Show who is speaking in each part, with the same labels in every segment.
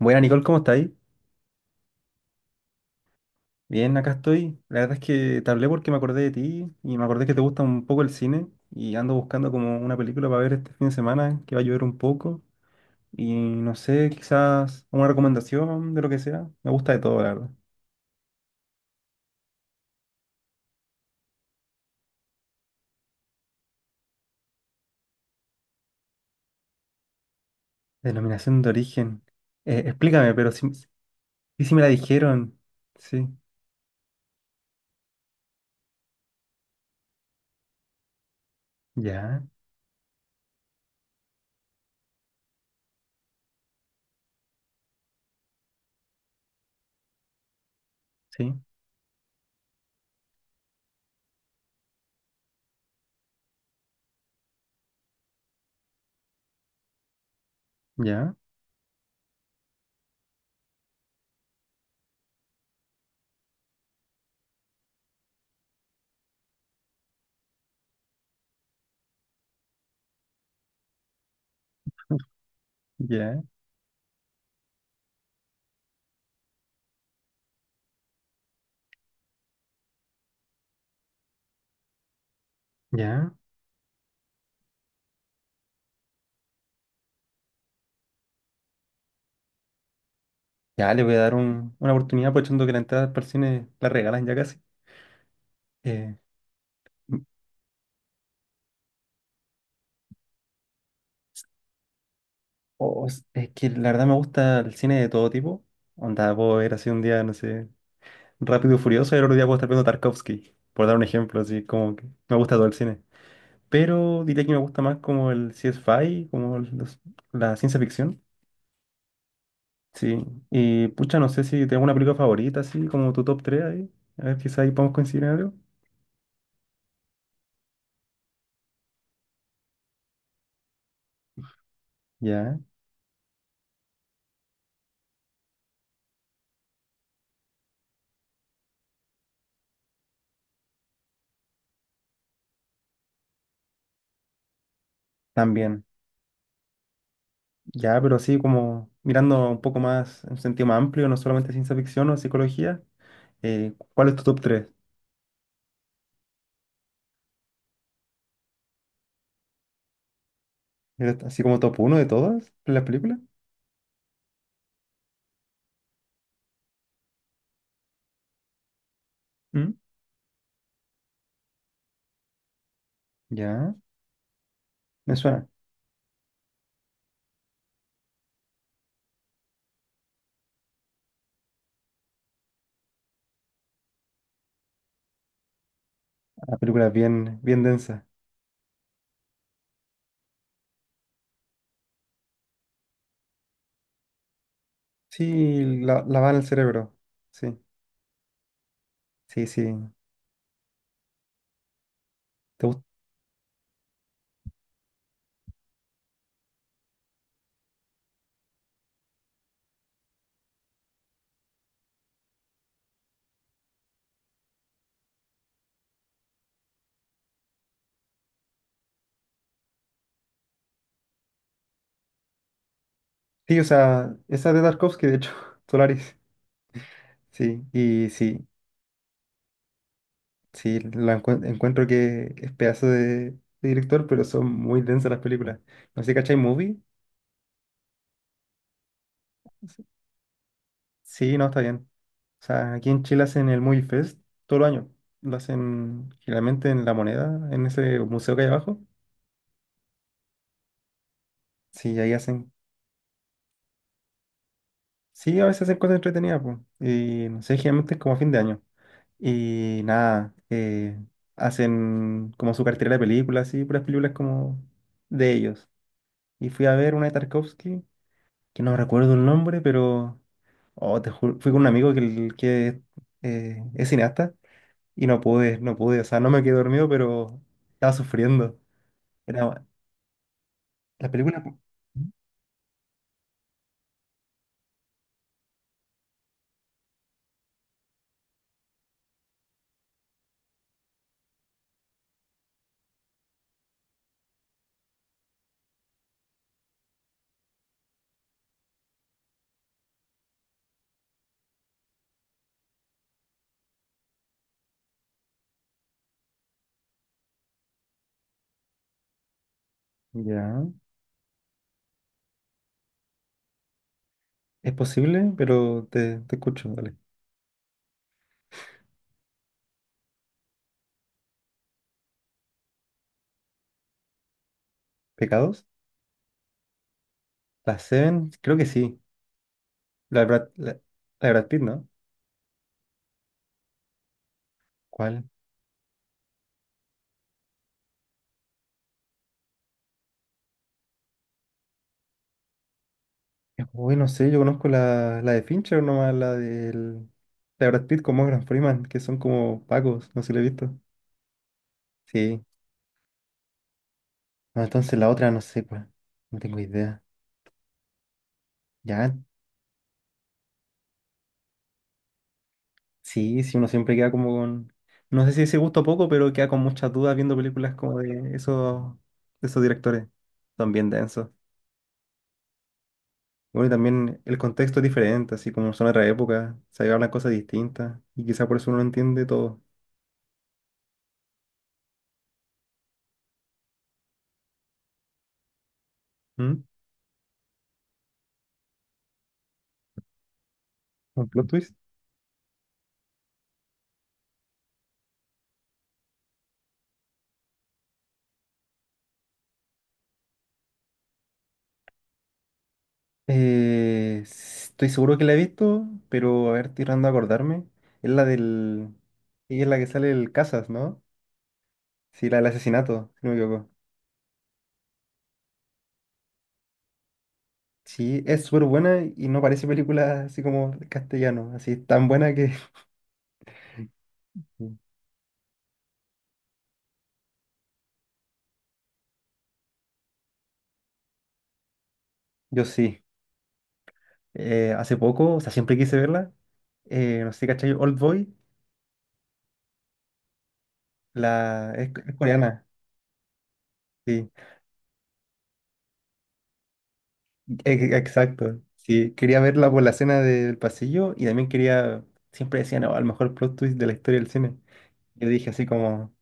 Speaker 1: Buena Nicole, ¿cómo estáis? Bien, acá estoy. La verdad es que te hablé porque me acordé de ti y me acordé que te gusta un poco el cine y ando buscando como una película para ver este fin de semana que va a llover un poco y no sé, quizás una recomendación de lo que sea. Me gusta de todo, la verdad. Denominación de origen. Explícame, pero si me la dijeron. Sí, ya, sí, ya, ya, ya. Ya, le voy a dar una oportunidad aprovechando que la entrada para el cine la regalan ya casi. Eh, es que la verdad me gusta el cine de todo tipo. Onda, puedo ver así un día, no sé, Rápido y Furioso y el otro día puedo estar viendo Tarkovsky, por dar un ejemplo, así como que me gusta todo el cine. Pero diría que me gusta más como el sci-fi, la ciencia ficción. Sí, y pucha, no sé si tengo una película favorita, así como tu top 3 ahí. A ver, quizá ahí podemos coincidir en algo. Ya, también. Ya, pero así como mirando un poco más en un sentido más amplio, no solamente ciencia ficción o psicología. ¿Cuál es tu top tres? Era así como top uno de todas las películas. ¿Mm? Ya, me suena. La película es bien, bien densa. Sí, la va en el cerebro. Sí, sí, sí. ¿Te gust-? Sí, o sea, esa de Tarkovsky, de hecho, Solaris. Sí, y sí, sí, encuentro que es pedazo de director, pero son muy densas las películas. No sé, ¿cachai Movie? Sí, no, está bien. O sea, aquí en Chile hacen el Movie Fest todo el año. Lo hacen generalmente en La Moneda, en ese museo que hay abajo. Sí, ahí hacen. Sí, a veces hacen cosas entretenidas, pues. Y no sé, generalmente es como a fin de año. Y nada, hacen como su cartera de películas, así, puras películas como de ellos. Y fui a ver una de Tarkovsky, que no recuerdo el nombre, pero. Oh, te juro, fui con un amigo que es cineasta y no pude. O sea, no me quedé dormido, pero estaba sufriendo. Era la película. Ya. Es posible, pero te escucho, dale. ¿Pecados? La Seven, creo que sí. La de Brad, la, la de Brad Pitt, ¿no? ¿Cuál? Uy, no sé, yo conozco la de Fincher nomás, la de Brad Pitt con Morgan Freeman, que son como pacos, no sé si la he visto. Sí. No, entonces la otra no sé cuál. No tengo idea. Ya, sí, sí, uno siempre queda como con. No sé si ese gusto poco, pero queda con muchas dudas viendo películas como de esos directores. Son bien densos. Bueno, y también el contexto es diferente, así como son otra época, se hablan cosas distintas y quizá por eso uno no entiende todo. ¿Mm? ¿Un plot twist? Estoy seguro que la he visto, pero a ver, estoy tratando de acordarme. Es la del... Ella es la que sale el Casas, ¿no? Sí, la del asesinato, si no me equivoco. Sí, es súper buena y no parece película así como de castellano, así tan buena que Mm. Yo sí. Hace poco, o sea, siempre quise verla. No sé, ¿cachai? Old Boy, la... es coreana. Sí, exacto. Sí, quería verla por la escena del pasillo y también quería, siempre decían, no, al mejor plot twist de la historia del cine. Yo dije así como,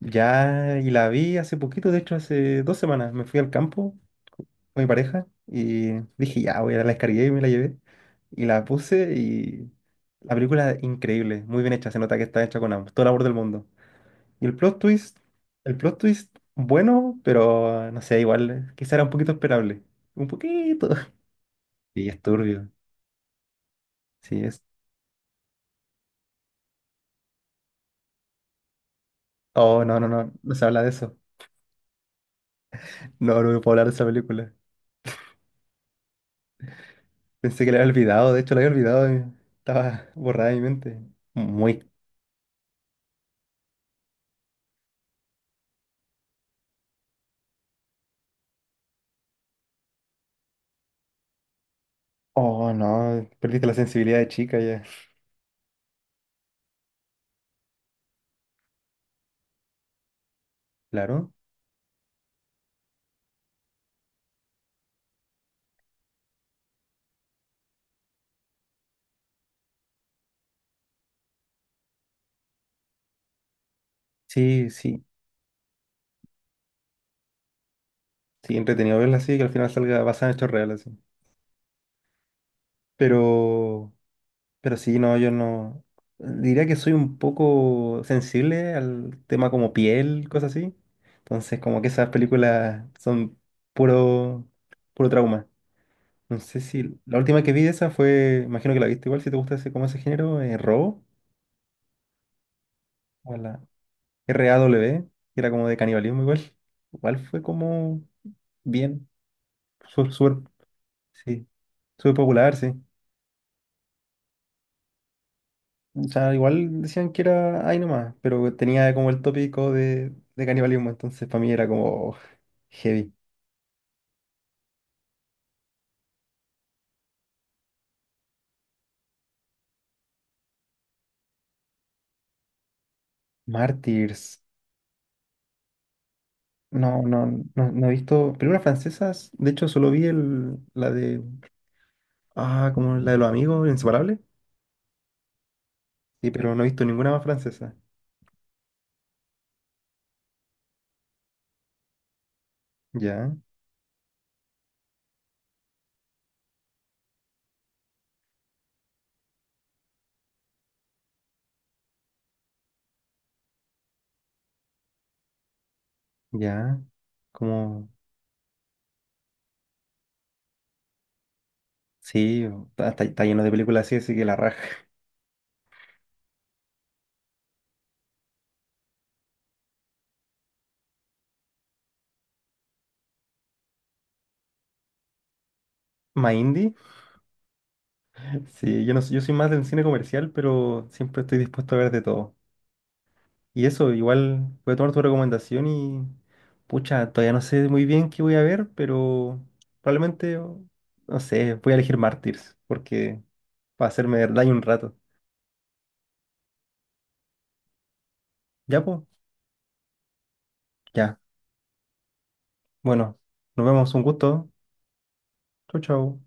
Speaker 1: ya, y la vi hace poquito, de hecho hace dos semanas, me fui al campo con mi pareja y dije, ya, voy a la descargué y me la llevé. Y la puse y la película es increíble, muy bien hecha, se nota que está hecha con todo el amor del mundo. Y el plot twist, el plot twist, bueno, pero no sé, igual, quizá era un poquito esperable. Un poquito. Sí, es turbio. Sí, es. Oh, no, no, no, no se habla de eso. No, no puedo hablar de esa película. Pensé que la había olvidado, de hecho la había olvidado. Estaba borrada de mi mente. Muy. Oh, no, perdiste la sensibilidad de chica ya. Claro. Sí, sí. Sí, entretenido verla así, que al final salga basada en hechos reales. Así. Pero. Pero sí, no, yo no. Diría que soy un poco sensible al tema como piel, cosas así. Entonces, como que esas películas son puro, puro trauma. No sé si la última que vi de esa fue, imagino que la viste igual, si te gusta ese, como ese género, Robo, o la r RAW, que era como de canibalismo igual. Igual fue como bien, súper, sí, súper popular, sí. O sea, igual decían que era ahí nomás, pero tenía como el tópico de canibalismo, entonces para mí era como heavy. Martyrs. No, no, no, no he visto películas francesas. De hecho, solo vi ah, como la de los amigos, Inseparables. Sí, pero no he visto ninguna más francesa. Ya, ya. Como, sí, está lleno de películas así, así que la raja. ¿Más indie? Sí, yo, no, yo soy más del cine comercial, pero siempre estoy dispuesto a ver de todo. Y eso, igual voy a tomar tu recomendación y, pucha, todavía no sé muy bien qué voy a ver, pero probablemente, o- no sé, voy a elegir Mártires, porque va a hacerme daño un rato. Ya, pues, ya. Bueno, nos vemos, un gusto. Chau, chau.